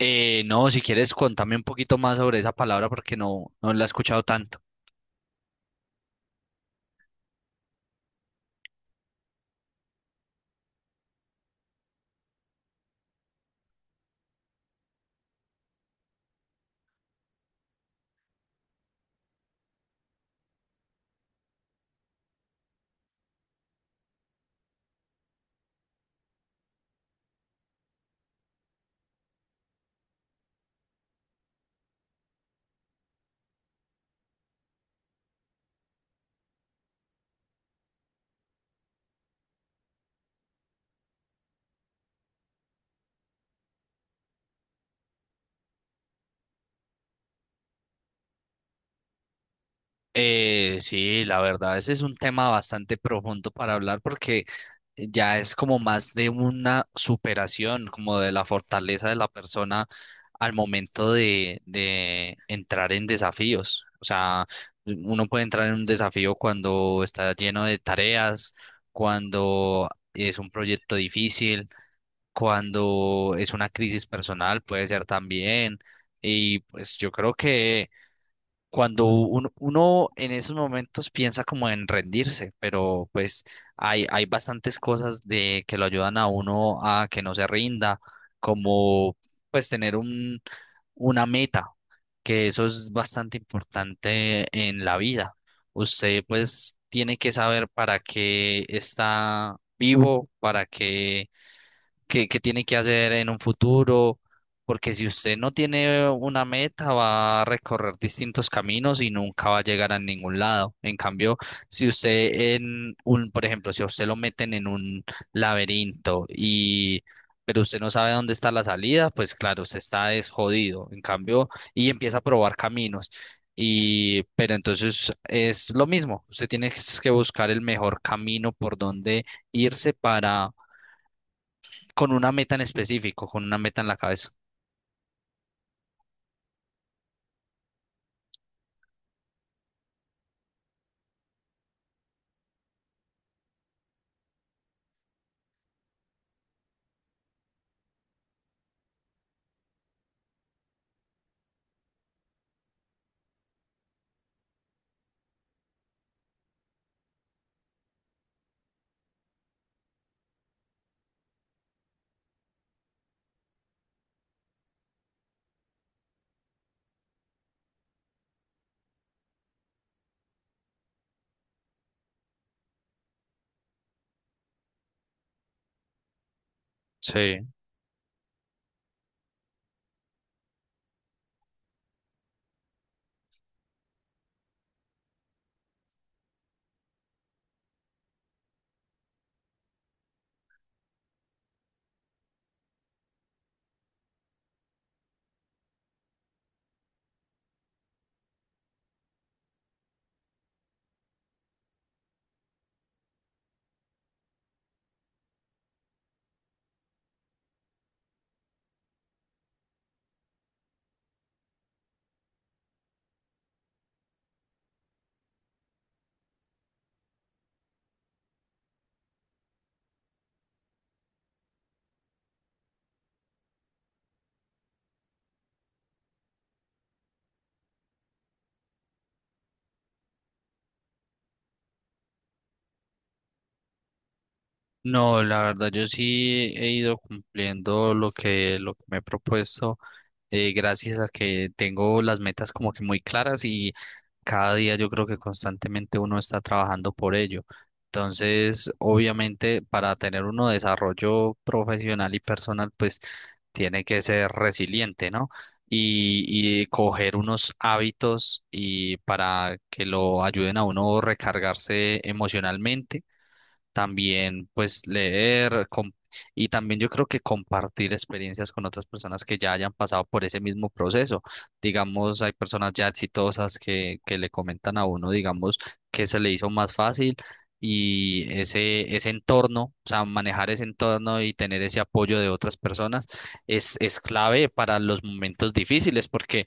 No, si quieres, contame un poquito más sobre esa palabra porque no la he escuchado tanto. Sí, la verdad, ese es un tema bastante profundo para hablar porque ya es como más de una superación, como de la fortaleza de la persona al momento de entrar en desafíos. O sea, uno puede entrar en un desafío cuando está lleno de tareas, cuando es un proyecto difícil cuando es una crisis personal, puede ser también. Y pues yo creo que cuando uno en esos momentos piensa como en rendirse, pero pues hay bastantes cosas de que lo ayudan a uno a que no se rinda, como pues tener una meta, que eso es bastante importante en la vida. Usted pues tiene que saber para qué está vivo, para qué qué tiene que hacer en un futuro, porque si usted no tiene una meta, va a recorrer distintos caminos y nunca va a llegar a ningún lado. En cambio, si usted en por ejemplo, si a usted lo meten en un laberinto, pero usted no sabe dónde está la salida, pues claro, usted está desjodido. En cambio, y empieza a probar caminos. Pero entonces es lo mismo, usted tiene que buscar el mejor camino por donde irse para con una meta en específico, con una meta en la cabeza. Sí. No, la verdad, yo sí he ido cumpliendo lo que me he propuesto, gracias a que tengo las metas como que muy claras y cada día yo creo que constantemente uno está trabajando por ello. Entonces, obviamente, para tener uno desarrollo profesional y personal, pues tiene que ser resiliente, ¿no? Y coger unos hábitos y para que lo ayuden a uno recargarse emocionalmente también pues leer y también yo creo que compartir experiencias con otras personas que ya hayan pasado por ese mismo proceso. Digamos, hay personas ya exitosas que le comentan a uno, digamos, que se le hizo más fácil y ese entorno, o sea, manejar ese entorno y tener ese apoyo de otras personas es clave para los momentos difíciles porque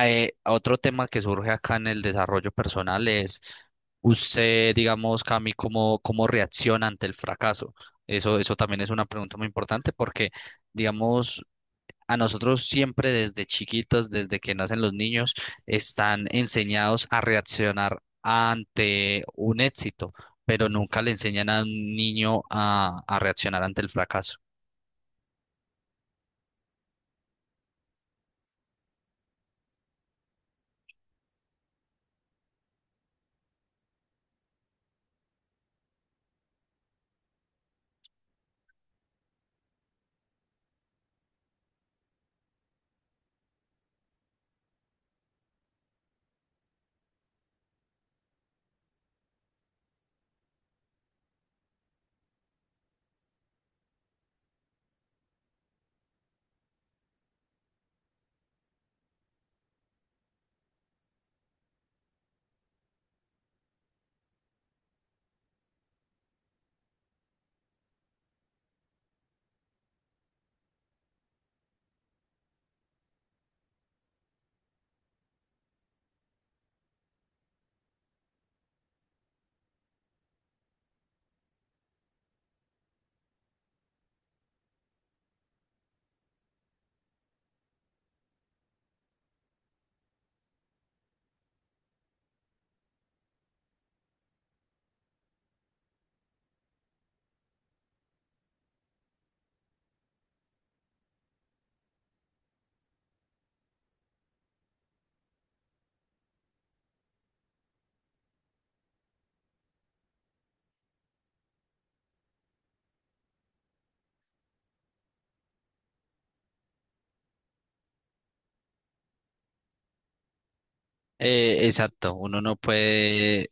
otro tema que surge acá en el desarrollo personal es usted, digamos, Cami, cómo reacciona ante el fracaso. Eso también es una pregunta muy importante porque, digamos, a nosotros siempre desde chiquitos, desde que nacen los niños, están enseñados a reaccionar ante un éxito, pero nunca le enseñan a un niño a reaccionar ante el fracaso. Exacto, uno no puede.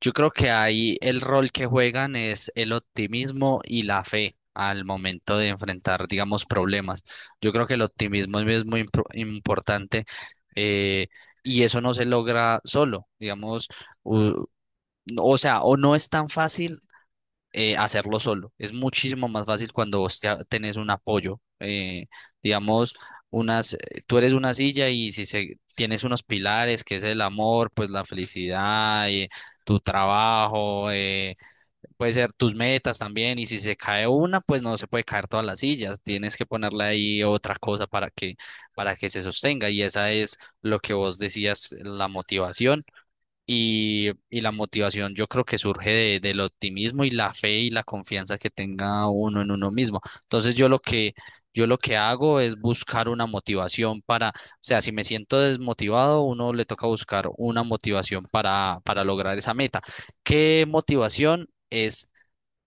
Yo creo que ahí el rol que juegan es el optimismo y la fe al momento de enfrentar, digamos, problemas. Yo creo que el optimismo es muy importante eh, y eso no se logra solo, digamos, u- o sea, o no es tan fácil hacerlo solo. Es muchísimo más fácil cuando vos tenés un apoyo. Digamos, unas, tú eres una silla y si se, tienes unos pilares, que es el amor, pues la felicidad, y tu trabajo, puede ser tus metas también. Y si se cae una, pues no se puede caer todas las sillas. Tienes que ponerle ahí otra cosa para que se sostenga. Y esa es lo que vos decías, la motivación y la motivación yo creo que surge del optimismo y la fe y la confianza que tenga uno en uno mismo. Entonces yo lo que hago es buscar una motivación para, o sea, si me siento desmotivado, uno le toca buscar una motivación para lograr esa meta. ¿Qué motivación es?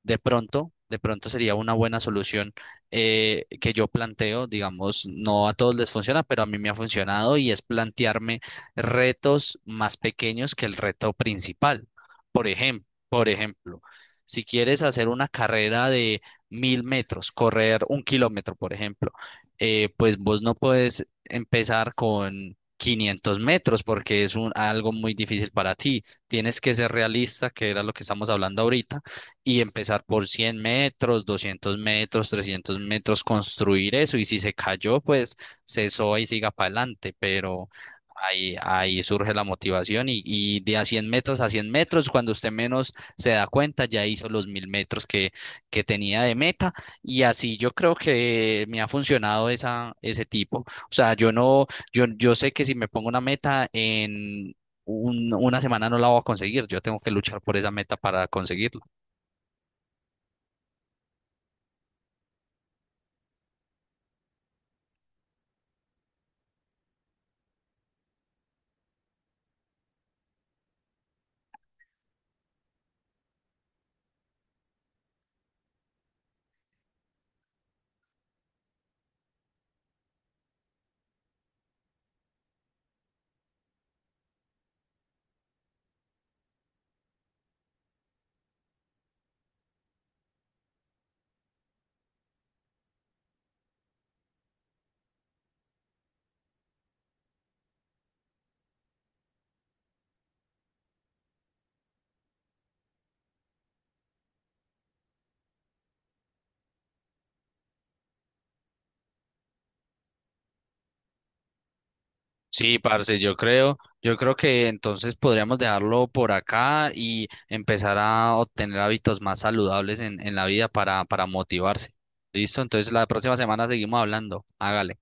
De pronto sería una buena solución que yo planteo, digamos, no a todos les funciona, pero a mí me ha funcionado y es plantearme retos más pequeños que el reto principal. Por ejemplo, si quieres hacer una carrera de 1000 metros, correr un kilómetro, por ejemplo, pues vos no puedes empezar con 500 metros porque es algo muy difícil para ti. Tienes que ser realista, que era lo que estamos hablando ahorita y empezar por 100 metros, 200 metros, 300 metros, construir eso. Y si se cayó, pues cesó y siga para adelante, pero ahí surge la motivación y de a 100 metros a 100 metros, cuando usted menos se da cuenta, ya hizo los 1000 metros que tenía de meta. Y así yo creo que me ha funcionado ese tipo. O sea, yo sé que si me pongo una meta en... una semana no la voy a conseguir, yo tengo que luchar por esa meta para conseguirla. Sí, parce, yo creo que entonces podríamos dejarlo por acá y empezar a obtener hábitos más saludables en la vida para motivarse. ¿Listo? Entonces la próxima semana seguimos hablando. Hágale.